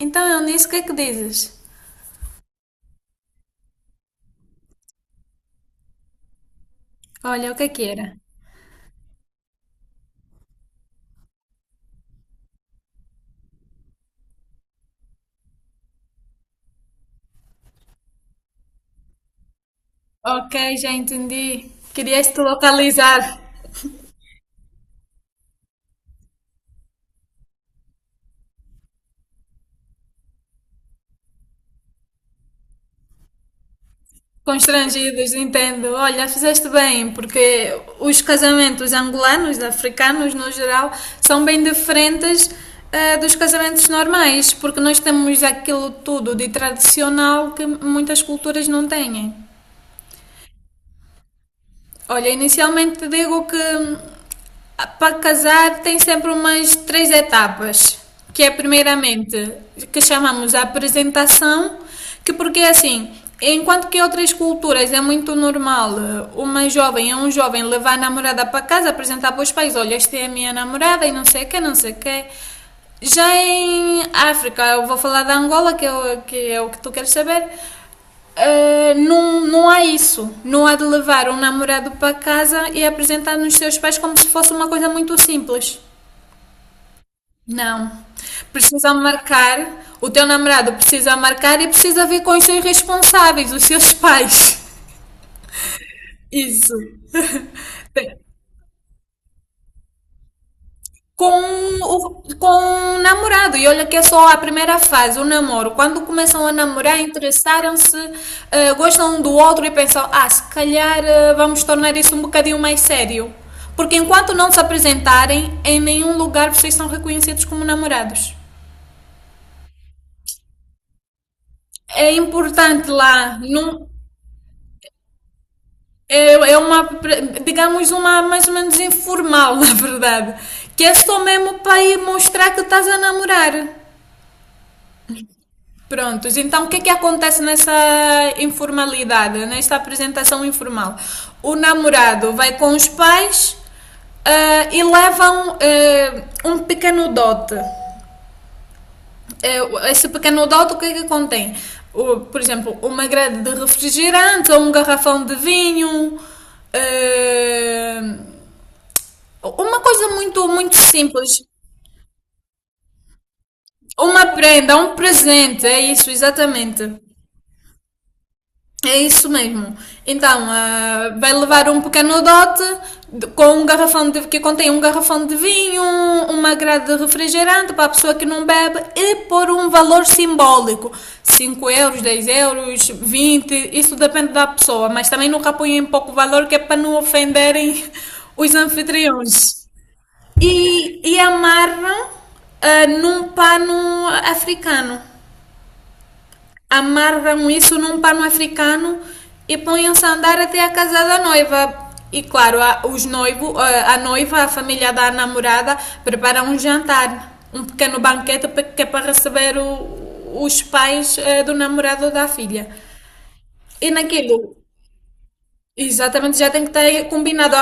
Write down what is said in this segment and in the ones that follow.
Então, Eunice, o que é que dizes? Olha, o que é que era? Ok, já entendi. Querias-te localizar. Constrangidos, entendo. Olha, fizeste bem, porque os casamentos angolanos, africanos no geral, são bem diferentes dos casamentos normais, porque nós temos aquilo tudo de tradicional que muitas culturas não têm. Olha, inicialmente digo que para casar tem sempre umas três etapas, que é primeiramente que chamamos a apresentação, que porque é assim, enquanto que em outras culturas é muito normal uma jovem ou um jovem levar a namorada para casa, apresentar para os pais, olha, esta é a minha namorada e não sei o que, não sei o que. Já em África, eu vou falar da Angola, que é o que, é o que tu queres saber. Não, não há isso. Não há de levar um namorado para casa e apresentar nos seus pais como se fosse uma coisa muito simples. Não. Precisa marcar, o teu namorado precisa marcar e precisa vir com os seus responsáveis, os seus pais. Isso. Tem, com o namorado. E olha que é só a primeira fase, o namoro. Quando começam a namorar, interessaram-se, gostam um do outro e pensam: ah, se calhar vamos tornar isso um bocadinho mais sério. Porque enquanto não se apresentarem, em nenhum lugar vocês são reconhecidos como namorados. É importante lá, não, é uma, digamos, uma mais ou menos informal, na verdade. Que é só mesmo para ir mostrar que estás a namorar. Prontos, então o que é que acontece nessa informalidade, nesta apresentação informal? O namorado vai com os pais e levam um pequeno dote. Esse pequeno dote o que é que contém? Por exemplo, uma grade de refrigerante ou um garrafão de vinho, ah, uma coisa muito, muito simples. Uma prenda, um presente, é isso, exatamente. É isso mesmo. Então, vai levar um pequeno dote com um garrafão de, que contém um garrafão de vinho, uma grade de refrigerante para a pessoa que não bebe e por um valor simbólico. Cinco euros, 10 euros, 20, isso depende da pessoa, mas também nunca ponham pouco valor que é para não ofenderem os anfitriões. E amarram num pano africano amarram isso num pano africano e põem-se a andar até a casa da noiva. E claro, os noivo, a noiva, a família da namorada prepara um jantar, um pequeno banquete que é para receber os pais do namorado ou da filha. E naquilo, exatamente, já tem que ter combinado.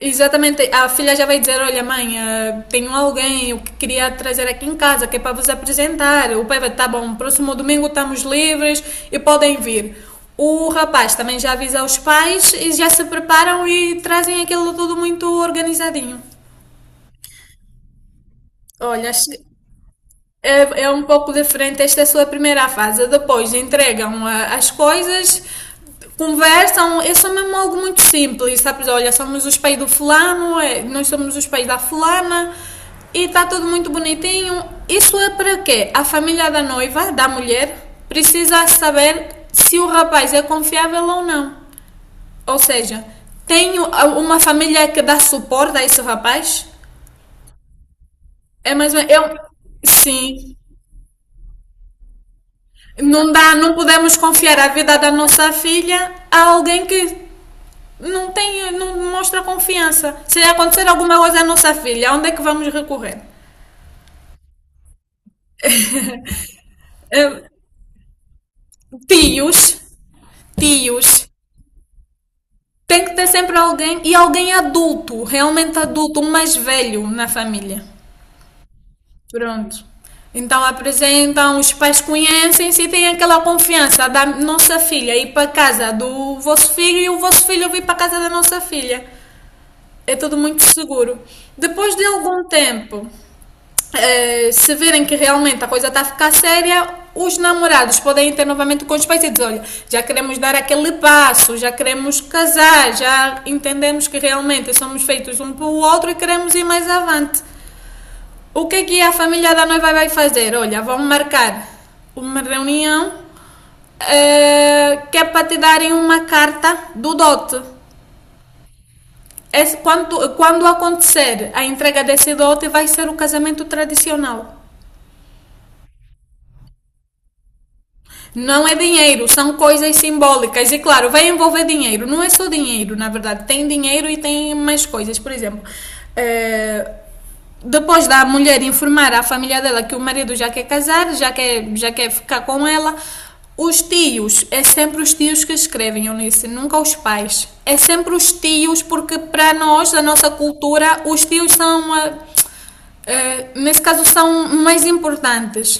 Exatamente, a filha já vai dizer: Olha, mãe, tenho alguém eu que queria trazer aqui em casa que é para vos apresentar. O pai vai: Tá bom, próximo domingo estamos livres e podem vir. O rapaz também já avisa os pais e já se preparam e trazem aquilo tudo muito organizadinho. Olha, acho que é um pouco diferente. Esta é a sua primeira fase. Depois entregam as coisas, conversam. É só mesmo algo muito simples, sabes? Olha, somos os pais do fulano, é, nós somos os pais da fulana. E está tudo muito bonitinho. Isso é para quê? A família da noiva, da mulher, precisa saber se o rapaz é confiável ou não. Ou seja, tenho uma família que dá suporte a esse rapaz? É mais ou menos. Eu, sim. Não dá, não podemos confiar a vida da nossa filha a alguém que não tem, não mostra confiança. Se acontecer alguma coisa à nossa filha, onde é que vamos recorrer? Eh, Tios, tios. Tem que ter sempre alguém e alguém adulto, realmente adulto, um mais velho na família. Pronto. Então apresentam, os pais conhecem-se e têm aquela confiança da nossa filha ir para casa do vosso filho e o vosso filho vir para casa da nossa filha. É tudo muito seguro. Depois de algum tempo, se verem que realmente a coisa está a ficar séria, os namorados podem ter novamente com os pais e dizer: olha, já queremos dar aquele passo, já queremos casar, já entendemos que realmente somos feitos um para o outro e queremos ir mais avante. O que é que a família da noiva vai fazer? Olha, vão marcar uma reunião que é para te darem uma carta do dote. Quando acontecer a entrega desse dote, vai ser o casamento tradicional. Não é dinheiro, são coisas simbólicas. E claro, vai envolver dinheiro. Não é só dinheiro, na verdade. Tem dinheiro e tem mais coisas. Por exemplo, eh, depois da mulher informar à família dela que o marido já quer casar, já quer ficar com ela, os tios, é sempre os tios que escrevem, Eunice, nunca os pais. É sempre os tios, porque para nós, da nossa cultura, os tios são. Nesse caso são mais importantes.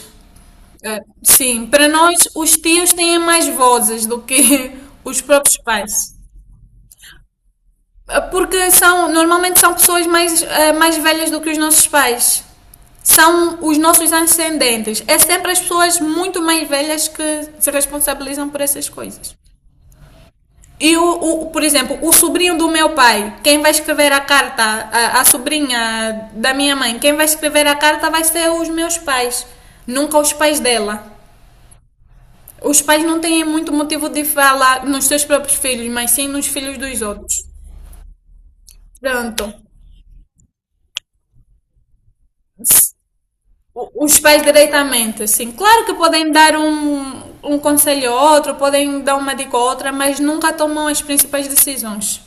Sim, para nós os tios têm mais vozes do que os próprios pais. Porque são, normalmente são pessoas mais velhas do que os nossos pais. São os nossos ascendentes. É sempre as pessoas muito mais velhas que se responsabilizam por essas coisas. Por exemplo, o sobrinho do meu pai, quem vai escrever a carta, a sobrinha da minha mãe, quem vai escrever a carta vai ser os meus pais, nunca os pais dela. Os pais não têm muito motivo de falar nos seus próprios filhos, mas sim nos filhos dos outros. Pronto. Os pais diretamente, assim. Claro que podem dar um conselho a outro, podem dar uma dica a outra, mas nunca tomam as principais decisões.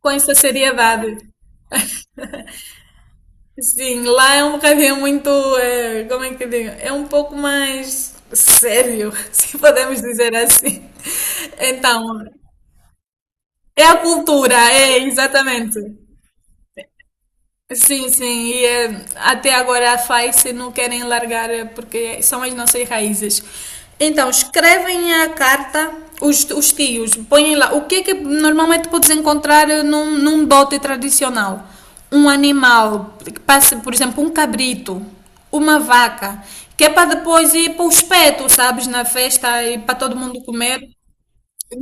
Com essa seriedade. Sim, lá é um bocadinho muito. Como é que eu digo? É um pouco mais sério, se podemos dizer assim. Então, é a cultura, é exatamente. Sim, sim, e até agora a FAICE não querem largar porque são as nossas raízes. Então, escrevem a carta, os tios, põem lá. O que é que normalmente podes encontrar num dote tradicional? Um animal, que passe, por exemplo, um cabrito, uma vaca, que é para depois ir para os petos, sabes, na festa e para todo mundo comer.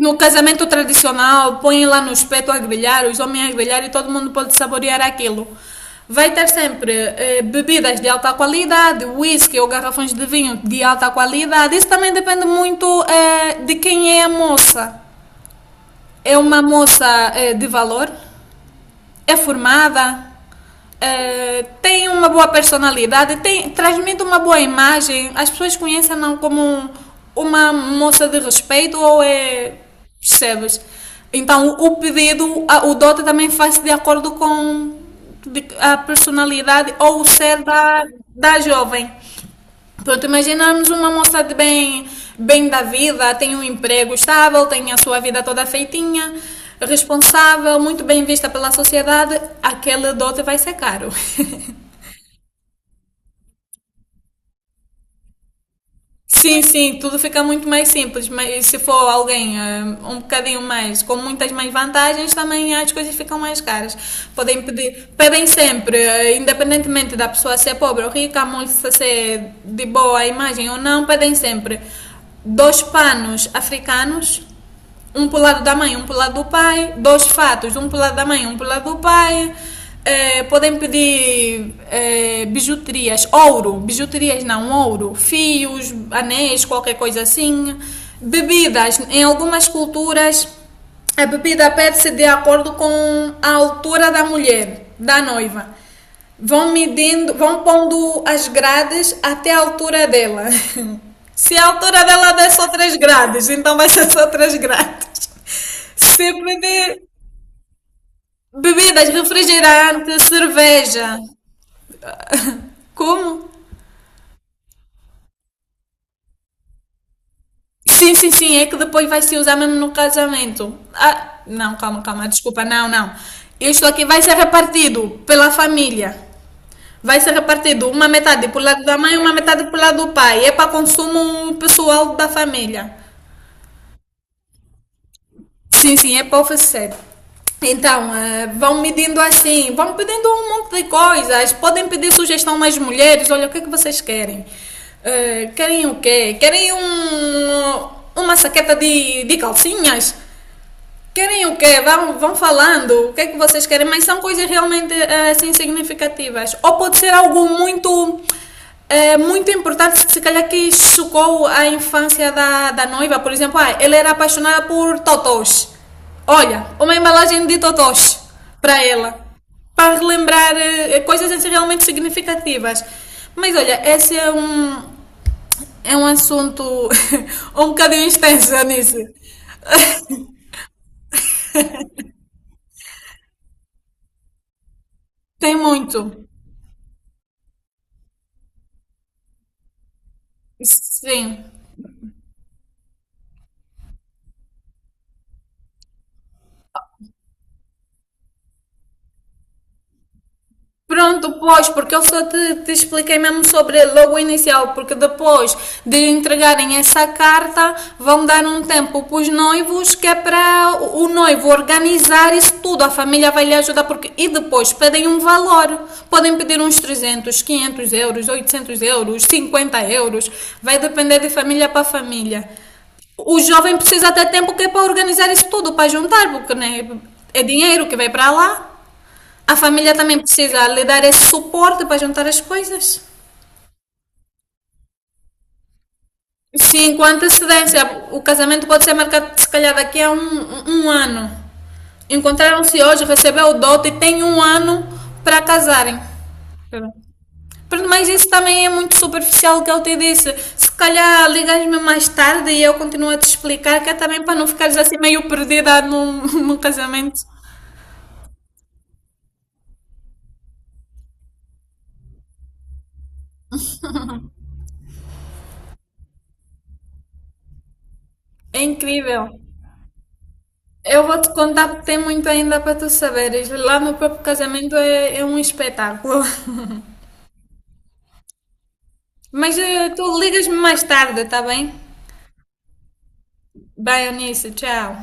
No casamento tradicional, põem lá no espeto a grelhar, os homens a grelhar e todo mundo pode saborear aquilo. Vai ter sempre bebidas de alta qualidade, whisky ou garrafões de vinho de alta qualidade. Isso também depende muito de quem é a moça. É uma moça de valor? É formada, tem uma boa personalidade, tem, transmite uma boa imagem, as pessoas conhecem-na como uma moça de respeito ou é. Percebes? Então o pedido, o dote também faz de acordo com a personalidade ou o ser da, jovem. Pronto, imaginamos uma moça de bem, bem da vida, tem um emprego estável, tem a sua vida toda feitinha, responsável, muito bem vista pela sociedade, aquele dote vai ser caro. Sim, sim, tudo fica muito mais simples, mas se for alguém um bocadinho mais, com muitas mais vantagens, também as coisas ficam mais caras. Podem pedir, pedem sempre, independentemente da pessoa ser pobre ou rica, a moça ser de boa imagem ou não, pedem sempre dois panos africanos um pro lado da mãe, um pro lado do pai. Dois fatos, um pro lado da mãe, um pro lado do pai. Podem pedir bijuterias, ouro, bijuterias não, ouro, fios, anéis, qualquer coisa assim. Bebidas, em algumas culturas, a bebida pede-se de acordo com a altura da mulher, da noiva. Vão medindo, vão pondo as grades até a altura dela. Se a altura dela der só 3 grades, então vai ser só 3 grades. Se beber bebidas, refrigerante, cerveja. Como? Sim, sim, sim, é que depois vai se usar mesmo no casamento. Ah, não, calma, calma, desculpa, não, não. Isto aqui vai ser repartido pela família. Vai ser repartido uma metade pro lado da mãe e uma metade pro lado do pai. É para consumo pessoal da família. Sim, sim, é para oferecer. Então, vão me pedindo assim, vão pedindo um monte de coisas, podem pedir sugestão nas mulheres, olha, o que é que vocês querem? Querem o quê? Querem um, uma saqueta de, calcinhas? Querem o quê? Vão falando o que é que vocês querem, mas são coisas realmente assim significativas. Ou pode ser algo muito muito importante, se calhar que chocou a infância da, noiva. Por exemplo, ah, ela era apaixonada por totós. Olha, uma embalagem de totós para ela. Para relembrar coisas assim realmente significativas. Mas olha, esse é um, assunto um bocadinho extenso, Anice. Tem muito. Sim. Pronto, pois, porque eu só te expliquei mesmo sobre logo inicial, porque depois de entregarem essa carta, vão dar um tempo para os noivos, que é para o noivo organizar isso tudo, a família vai lhe ajudar, porque e depois pedem um valor, podem pedir uns 300 500 euros, 800 euros, 50 euros, vai depender de família para família. O jovem precisa ter tempo que é para organizar isso tudo, para juntar, porque né, é dinheiro que vai para lá. A família também precisa lhe dar esse suporte para juntar as coisas. Sim, com antecedência. O casamento pode ser marcado, se calhar, daqui a um, ano. Encontraram-se hoje, recebeu o dote e tem um ano para casarem. Mas isso também é muito superficial o que eu te disse. Se calhar ligas-me mais tarde e eu continuo a te explicar, que é também para não ficares assim meio perdida num, num casamento. É incrível. Eu vou te contar porque tem muito ainda para tu saberes. Lá no próprio casamento é um espetáculo. Mas tu ligas-me mais tarde, tá bem? Bye, Eunice. Tchau.